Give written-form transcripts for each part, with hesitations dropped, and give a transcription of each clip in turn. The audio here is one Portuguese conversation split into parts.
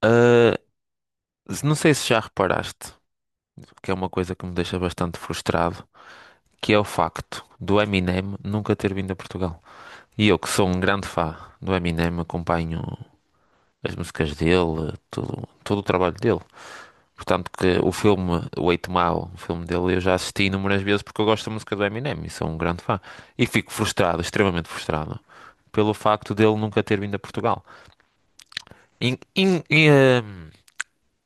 Ah, não sei se já reparaste, que é uma coisa que me deixa bastante frustrado, que é o facto do Eminem nunca ter vindo a Portugal. E eu, que sou um grande fã do Eminem, acompanho as músicas dele, todo o trabalho dele. Portanto, que o filme o 8 Mile, o filme dele, eu já assisti inúmeras vezes porque eu gosto da música do Eminem e sou um grande fã. E fico frustrado, extremamente frustrado, pelo facto dele nunca ter vindo a Portugal. In, in- e, ah,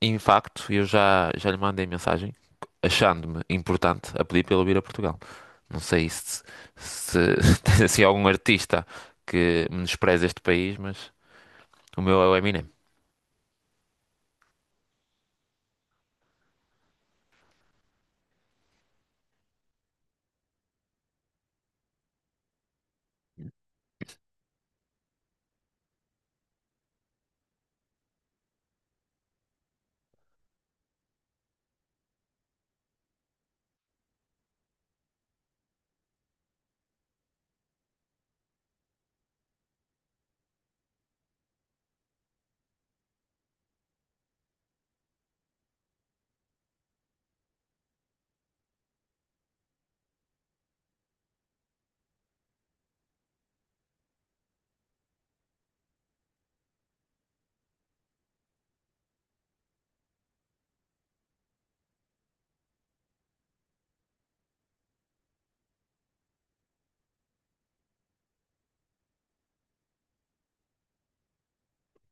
Em facto, eu já lhe mandei mensagem achando-me importante a pedir para ele vir a Portugal. Não sei se tens assim algum artista que menospreze este país, mas o meu é o Eminem.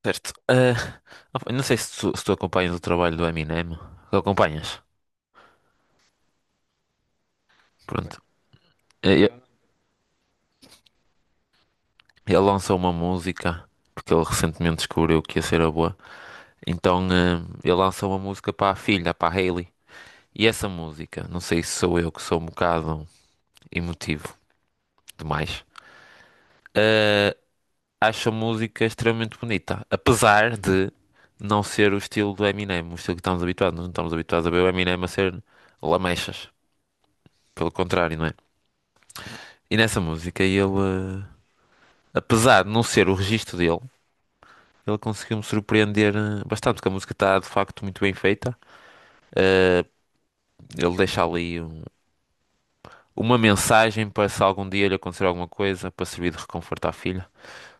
Certo. Opa, não sei se tu, se tu acompanhas o trabalho do Eminem. Tu acompanhas? Pronto. Eh, Ele, Ele lançou uma música, porque ele recentemente descobriu que ia ser a boa. Então, ele lançou uma música para a filha, para a Hailey. E essa música, não sei se sou eu que sou um bocado emotivo, demais. Eh, Acho a música extremamente bonita, apesar de não ser o estilo do Eminem, o estilo que estamos habituados. Nós não estamos habituados a ver o Eminem a ser lamechas, pelo contrário, não é? E nessa música ele, apesar de não ser o registro dele, ele conseguiu me surpreender bastante, porque a música está de facto muito bem feita. Eh, Ele deixa ali uma mensagem para se algum dia lhe acontecer alguma coisa, para servir de reconforto à filha.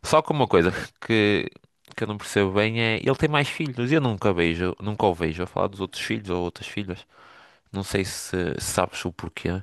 Só que uma coisa que, que eu não percebo bem é ele tem mais filhos. E eu nunca vejo, nunca o vejo a falar dos outros filhos ou outras filhas. Não sei se sabes o porquê.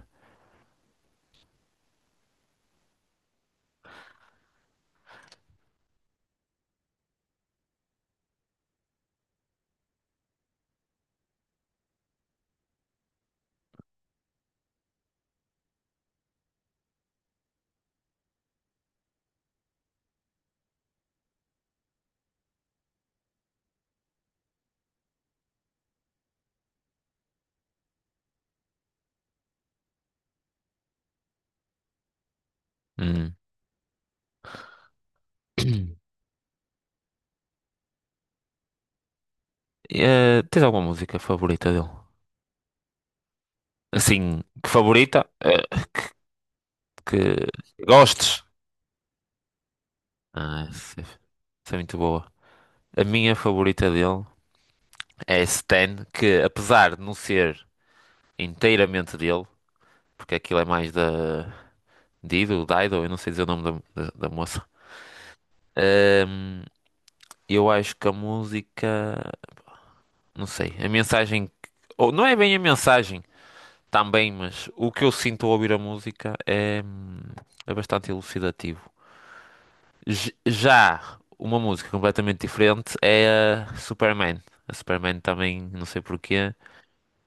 Hum. Tens alguma música favorita dele? Assim, que favorita? Que gostes? Ah, essa é muito boa. A minha favorita dele é Stan, que apesar de não ser inteiramente dele, porque aquilo é mais da Dido, eu não sei dizer o nome da moça. Eu acho que a música, não sei, a ou não é bem a mensagem também, mas o que eu sinto ao ouvir a música é, é bastante elucidativo. Já uma música completamente diferente é a Superman. A Superman também, não sei porquê,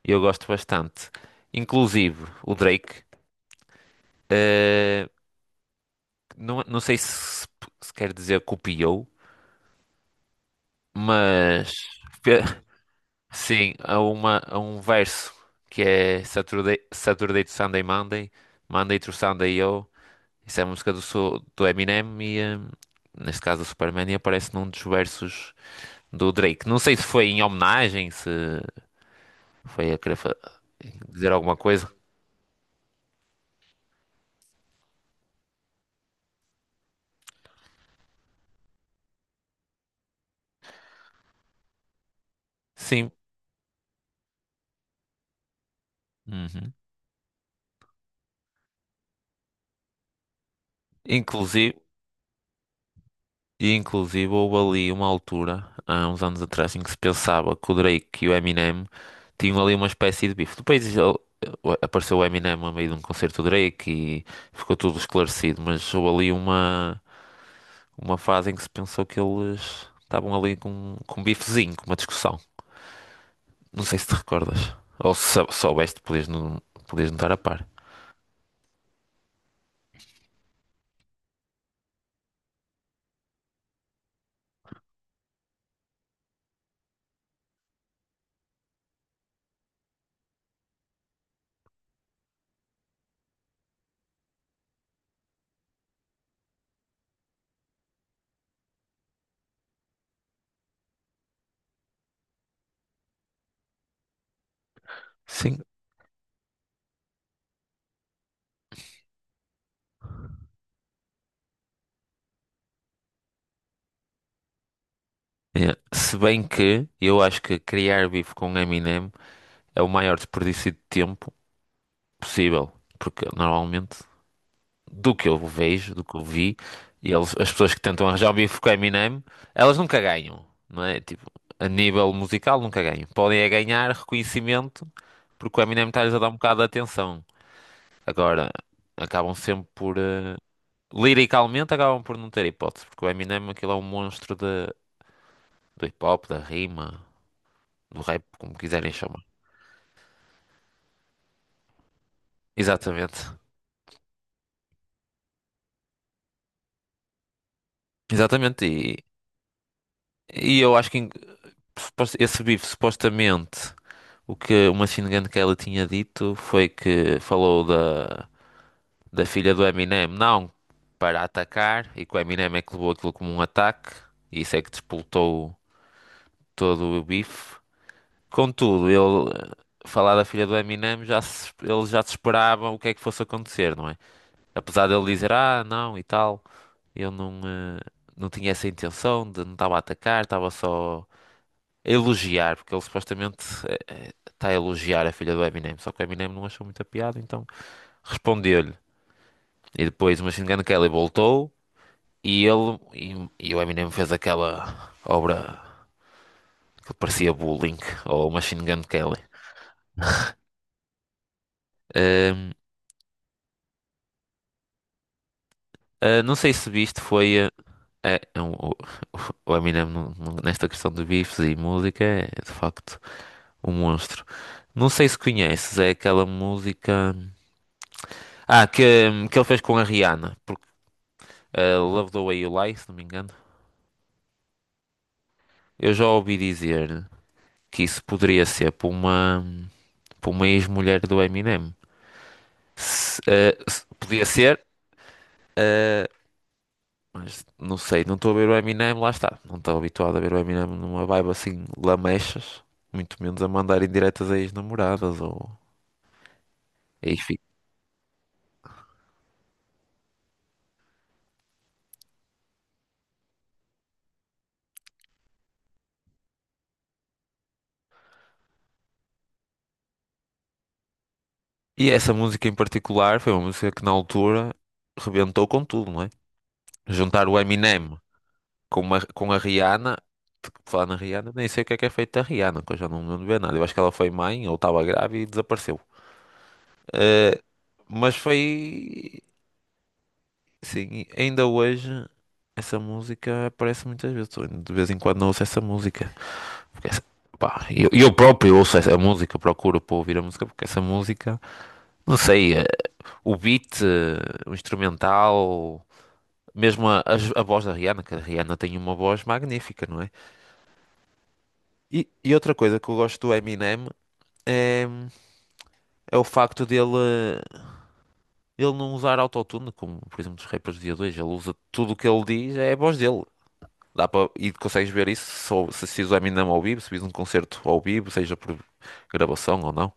eu gosto bastante. Inclusive o Drake, eh, não sei se, se quer dizer copiou, mas sim, há um verso que é Saturday, Saturday to Sunday Monday, Monday to Sunday Yo. Isso é a música do, do Eminem e, neste caso, do Superman, e aparece num dos versos do Drake. Não sei se foi em homenagem, se foi a dizer alguma coisa. Sim. Uhum. Inclusive. E inclusive houve ali uma altura, há uns anos atrás, em que se pensava que o Drake e o Eminem tinham ali uma espécie de bife. Apareceu o Eminem a meio de um concerto do Drake e ficou tudo esclarecido, mas houve ali uma fase em que se pensou que eles estavam ali com um bifezinho, com uma discussão. Não sei se te recordas. Ou se soubeste, podias não estar a par. Sim. É. Se bem que eu acho que criar bife com Eminem é o maior desperdício de tempo possível, porque normalmente, do que eu vejo, do que eu vi, e eles, as pessoas que tentam arranjar um bife com Eminem, elas nunca ganham, não é? Tipo, a nível musical nunca ganham. Podem é ganhar reconhecimento porque o Eminem está-lhes a dar um bocado de atenção. Agora, acabam sempre por liricalmente, acabam por não ter hipótese, porque o Eminem aquilo é um monstro de, do hip hop, da rima, do rap, como quiserem chamar. Exatamente. Exatamente. E eu acho que esse bife supostamente, o que uma machine que ela tinha dito foi que falou da, da filha do Eminem, não para atacar, e que o Eminem é que levou aquilo como um ataque, e isso é que despoltou todo o bife. Contudo, ele, falar da filha do Eminem, já se, ele já se esperava o que é que fosse acontecer, não é? Apesar dele dizer, ah, não, e tal, eu não tinha essa intenção, de, não estava a atacar, estava só a elogiar, porque ele supostamente está a elogiar a filha do Eminem, só que o Eminem não achou muita piada, então respondeu-lhe. E depois o Machine Gun Kelly voltou e ele e o Eminem fez aquela obra que parecia bullying ou Machine Gun Kelly. Ahm, não sei se viste, foi ah, ah, o, o Eminem nesta questão de bifes e música é é de facto um monstro. Não sei se conheces, é aquela música. Ah, que, que ele fez com a Rihanna. A Love the Way You Lie, se não me engano. Eu já ouvi dizer que isso poderia ser para para uma ex-mulher do Eminem. Se, eh, se- Podia ser, eh, mas não sei, não estou a ver o Eminem, lá está. Não estou habituado a ver o Eminem numa vibe assim, lamechas, muito menos a mandar indiretas a ex-namoradas ou enfim. E essa música em particular foi uma música que na altura rebentou com tudo, não é? Juntar o Eminem com a Rihanna. Falar na Rihanna, nem sei o que é feito da Rihanna, que eu já não me lembro de ver nada. Eu acho que ela foi mãe ou estava grávida e desapareceu. Eh, mas foi. Sim, e ainda hoje essa música aparece muitas vezes. Eu De vez em quando ouço essa música. Porque essa- Pá, eu próprio ouço essa música, procuro para ouvir a música, porque essa música, não sei, o beat, o instrumental, mesmo a voz da Rihanna, que a Rihanna tem uma voz magnífica, não é? E outra coisa que eu gosto do Eminem é, é o facto dele, ele não usar autotune, como por exemplo dos rappers do dia 2, ele usa tudo o que ele diz, é a voz dele. Dá para, e consegues ver isso se, se assistes o Eminem ao vivo, se vis um concerto ao vivo, seja por gravação ou não.